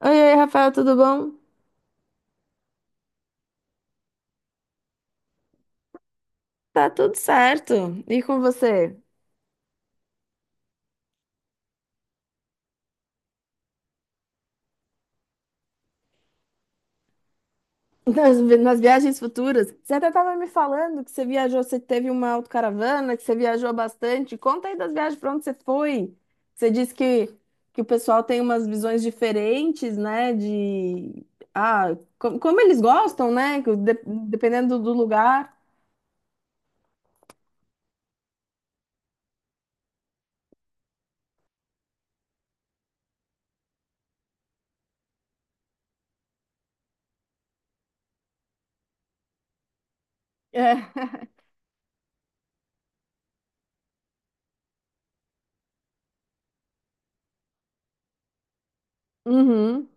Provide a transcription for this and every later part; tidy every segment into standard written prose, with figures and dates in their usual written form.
Oi, oi, Rafael, tudo bom? Tá tudo certo. E com você? Nas viagens futuras, você até estava me falando que você viajou, você teve uma autocaravana, que você viajou bastante. Conta aí das viagens, para onde você foi? Você disse que o pessoal tem umas visões diferentes, né? De ah, como eles gostam, né? Dependendo do lugar. É. Uhum.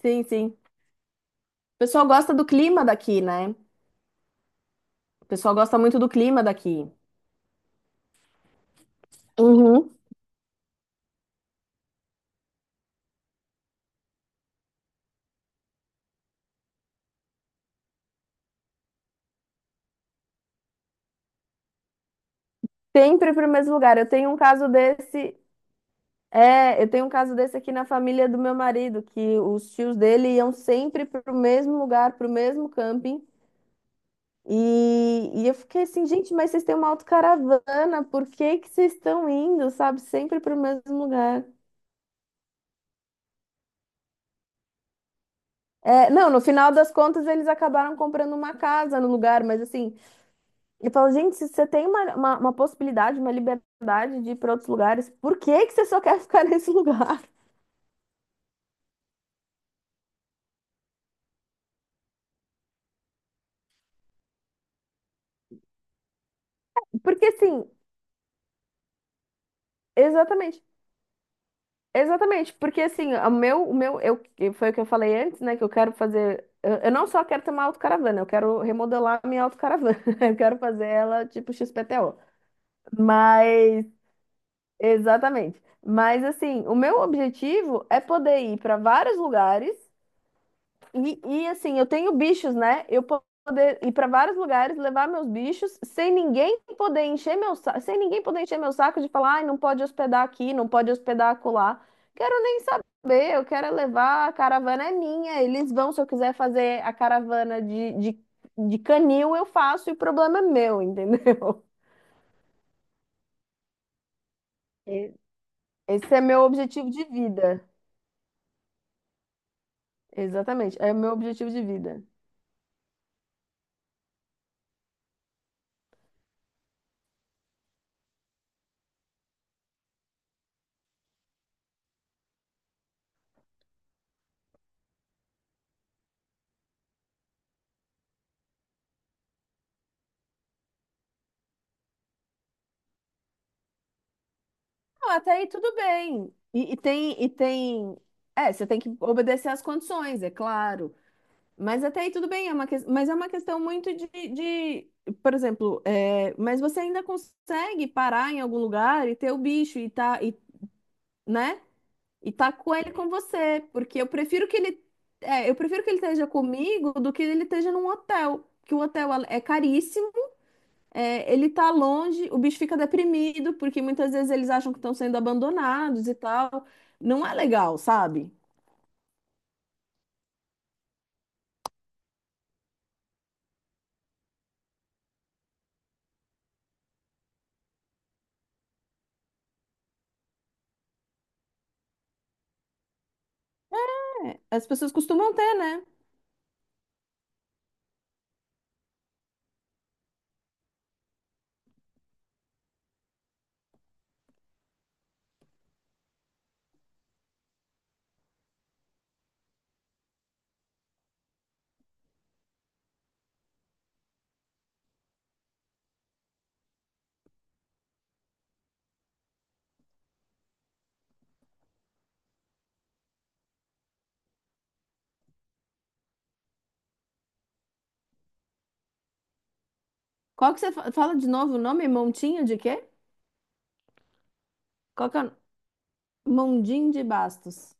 Sim, sim. O pessoal gosta do clima daqui, né? O pessoal gosta muito do clima daqui. Uhum. Sempre para o mesmo lugar. Eu tenho um caso desse, é, eu tenho um caso desse aqui na família do meu marido, que os tios dele iam sempre para o mesmo lugar, para o mesmo camping. E eu fiquei assim, gente, mas vocês têm uma autocaravana, por que que vocês estão indo, sabe? Sempre para o mesmo lugar. É, não, no final das contas eles acabaram comprando uma casa no lugar, mas assim, eu falo, gente, se você tem uma possibilidade, uma liberdade de ir para outros lugares, por que que você só quer ficar nesse lugar? Porque assim, exatamente. Exatamente, porque assim, eu, que foi o que eu falei antes, né? Que eu quero fazer. Eu não só quero ter uma autocaravana, eu quero remodelar a minha autocaravana. Eu quero fazer ela tipo XPTO. Mas, exatamente. Mas assim, o meu objetivo é poder ir para vários lugares assim, eu tenho bichos, né? Poder ir para vários lugares, levar meus bichos, sem ninguém poder encher meu saco, sem ninguém poder encher meu saco de falar, ai, não pode hospedar aqui, não pode hospedar acolá. Quero nem saber, eu quero levar, a caravana é minha, eles vão, se eu quiser fazer a caravana de canil, eu faço, e o problema é meu, entendeu? É, esse é meu objetivo de vida. Exatamente, é meu objetivo de vida. Não, até aí tudo bem. E, e tem. É, você tem que obedecer às condições, é claro. Mas até aí tudo bem, é uma que... mas é uma questão muito de... Por exemplo, é... mas você ainda consegue parar em algum lugar e ter o bicho e tá, e, né? E tá com ele com você. Porque eu prefiro que ele. É, eu prefiro que ele esteja comigo do que ele esteja num hotel. Que o hotel é caríssimo. É, ele tá longe, o bicho fica deprimido, porque muitas vezes eles acham que estão sendo abandonados e tal. Não é legal, sabe? As pessoas costumam ter, né? Qual que você fala de novo o nome? Montinho de quê? Qual que é? O- Mondinho de Bastos.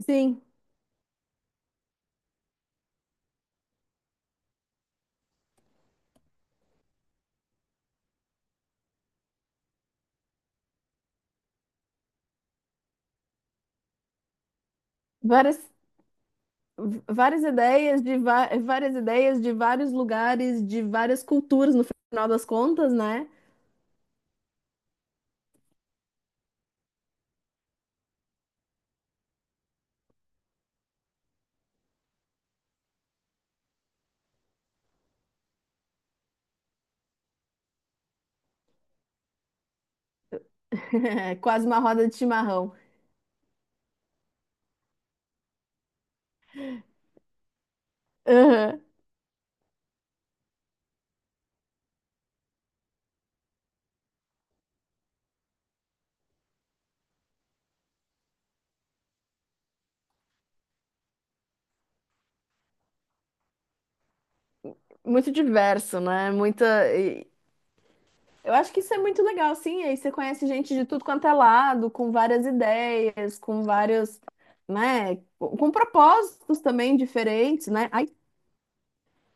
Sim, várias, várias ideias de várias ideias de vários lugares, de várias culturas, no final das contas, né? Quase uma roda de chimarrão. Aham. Muito diverso, né? Muita. Eu acho que isso é muito legal, sim. Aí você conhece gente de tudo quanto é lado, com várias ideias, com vários, né, com propósitos também diferentes, né? Ai,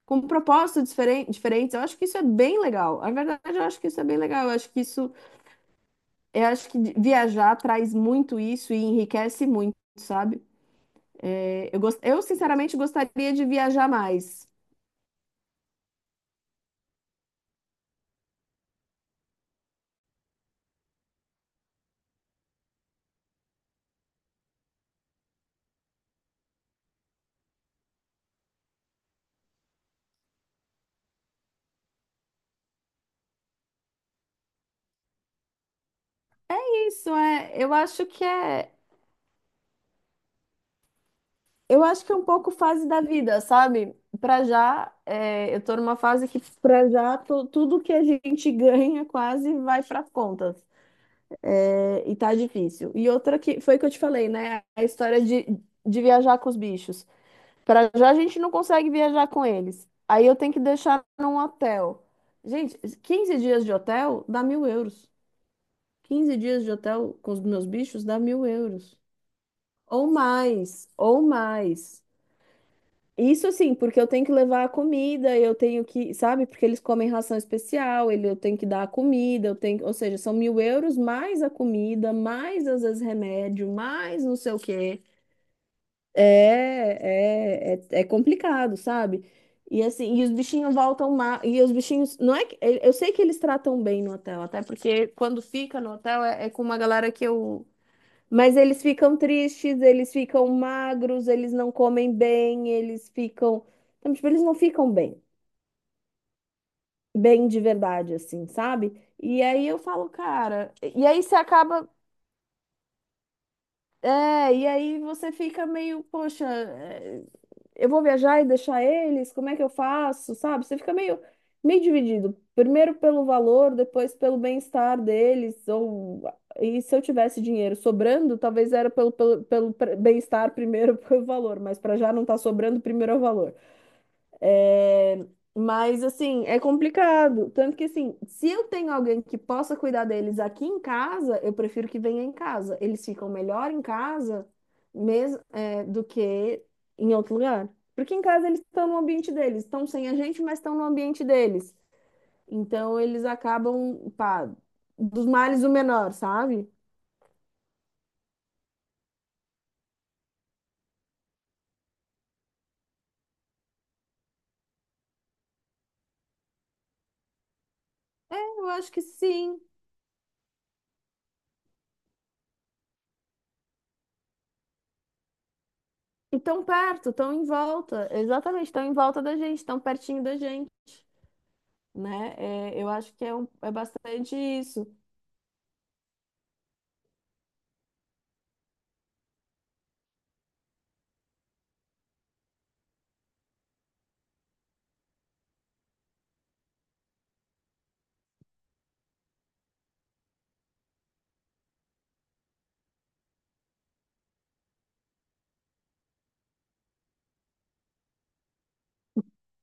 com propósitos diferentes. Eu acho que isso é bem legal. Na verdade, eu acho que isso é bem legal. Eu acho que isso, eu acho que viajar traz muito isso e enriquece muito, sabe? É, eu, eu sinceramente gostaria de viajar mais. Isso é, eu acho que é. Eu acho que é um pouco fase da vida, sabe? Pra já, é, eu tô numa fase que pra já tudo que a gente ganha quase vai pras contas. É, e tá difícil. E outra que foi que eu te falei, né? A história de viajar com os bichos. Pra já a gente não consegue viajar com eles. Aí eu tenho que deixar num hotel. Gente, 15 dias de hotel dá 1.000 euros. 15 dias de hotel com os meus bichos dá 1.000 euros. Ou mais, ou mais. Isso sim porque eu tenho que levar a comida, eu tenho que, sabe, porque eles comem ração especial, ele, eu tenho que dar a comida, eu tenho, ou seja, são 1.000 euros mais a comida, mais às vezes remédio, mais não sei o quê. É, é complicado, sabe? E assim, e os bichinhos voltam ma- e os bichinhos, não é que, eu sei que eles tratam bem no hotel, até porque quando fica no hotel é, é com uma galera que eu mas eles ficam tristes, eles ficam magros, eles não comem bem, eles ficam. Então, tipo, eles não ficam bem, bem de verdade, assim, sabe? E aí eu falo, cara. E aí você acaba. É, e aí você fica meio, poxa. É, eu vou viajar e deixar eles? Como é que eu faço? Sabe? Você fica meio, meio dividido. Primeiro pelo valor, depois pelo bem-estar deles. Ou... E se eu tivesse dinheiro sobrando, talvez era pelo bem-estar primeiro, pelo valor. Mas para já não tá sobrando, primeiro é o valor. Mas assim, é complicado. Tanto que assim, se eu tenho alguém que possa cuidar deles aqui em casa, eu prefiro que venha em casa. Eles ficam melhor em casa mesmo, é, do que em outro lugar. Porque em casa eles estão no ambiente deles, estão sem a gente, mas estão no ambiente deles. Então eles acabam, pá, dos males o menor, sabe? Eu acho que sim. E tão perto, tão em volta. Exatamente, estão em volta da gente, tão pertinho da gente. Né? É, eu acho que é, um- é bastante isso.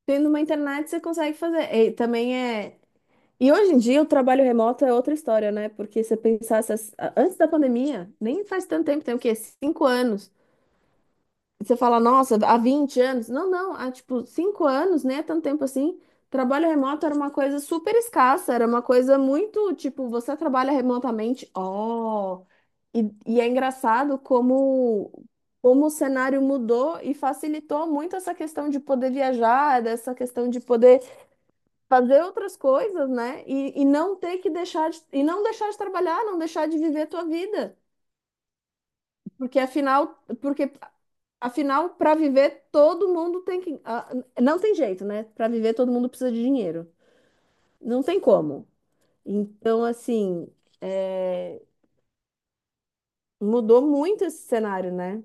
Tendo uma internet, você consegue fazer. E também é. E hoje em dia o trabalho remoto é outra história, né? Porque se você pensasse antes da pandemia, nem faz tanto tempo, tem o quê? 5 anos. Você fala, nossa, há 20 anos? Não, não, há tipo 5 anos, né? tanto tempo assim. Trabalho remoto era uma coisa super escassa, era uma coisa muito tipo, você trabalha remotamente, ó. E, e é engraçado como, como o cenário mudou e facilitou muito essa questão de poder viajar, dessa questão de poder fazer outras coisas, né? E não ter que deixar de, e não deixar de trabalhar, não deixar de viver a tua vida. Porque afinal, porque afinal, para viver, todo mundo tem que. Ah, não tem jeito, né? Para viver, todo mundo precisa de dinheiro. Não tem como. Então, assim, é, mudou muito esse cenário, né?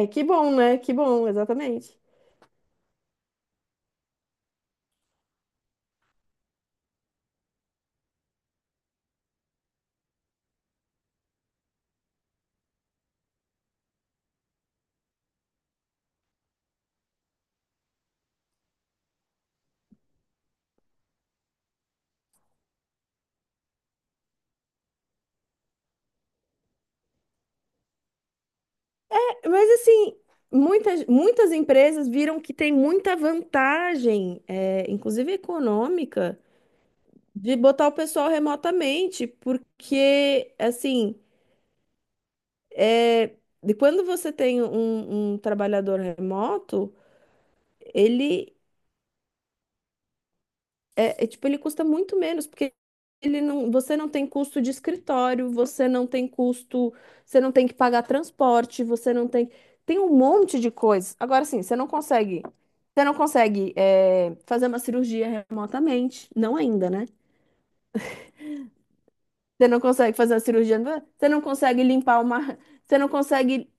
É que bom, né? Que bom, exatamente. É, mas, assim, muitas empresas viram que tem muita vantagem, é, inclusive econômica, de botar o pessoal remotamente, porque, assim, é, de quando você tem um trabalhador remoto. Ele é, é, tipo, ele custa muito menos, porque ele não, você não tem custo de escritório, você não tem custo, você não tem que pagar transporte, você não tem, tem um monte de coisas. Agora sim, você não consegue é, fazer uma cirurgia remotamente, não ainda, né? Você não consegue fazer uma cirurgia, você não consegue limpar uma, você não consegue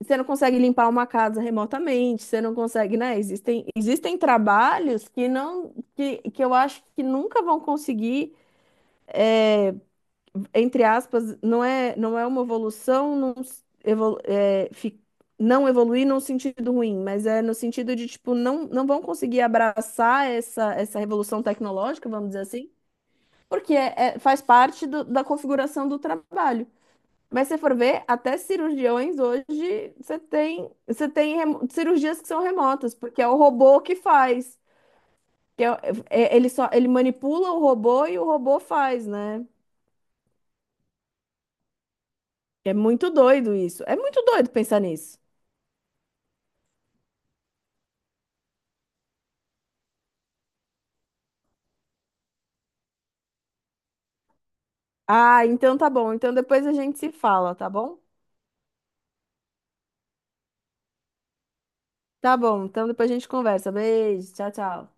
você não consegue limpar uma casa remotamente, você não consegue, né? Existem, existem trabalhos que não, que eu acho que nunca vão conseguir entre aspas, não é, não é uma evolução, não, s- evolu é, fi- não evoluir num sentido ruim, mas é no sentido de, tipo, não, não vão conseguir abraçar essa, essa revolução tecnológica, vamos dizer assim, porque é, faz parte da configuração do trabalho. Mas se for ver, até cirurgiões hoje, você tem cirurgias que são remotas, porque é o robô que faz. Que é- ele só, ele manipula o robô e o robô faz, né? É muito doido isso. É muito doido pensar nisso. Ah, então tá bom. Então depois a gente se fala, tá bom? Tá bom. Então depois a gente conversa. Beijo. Tchau, tchau.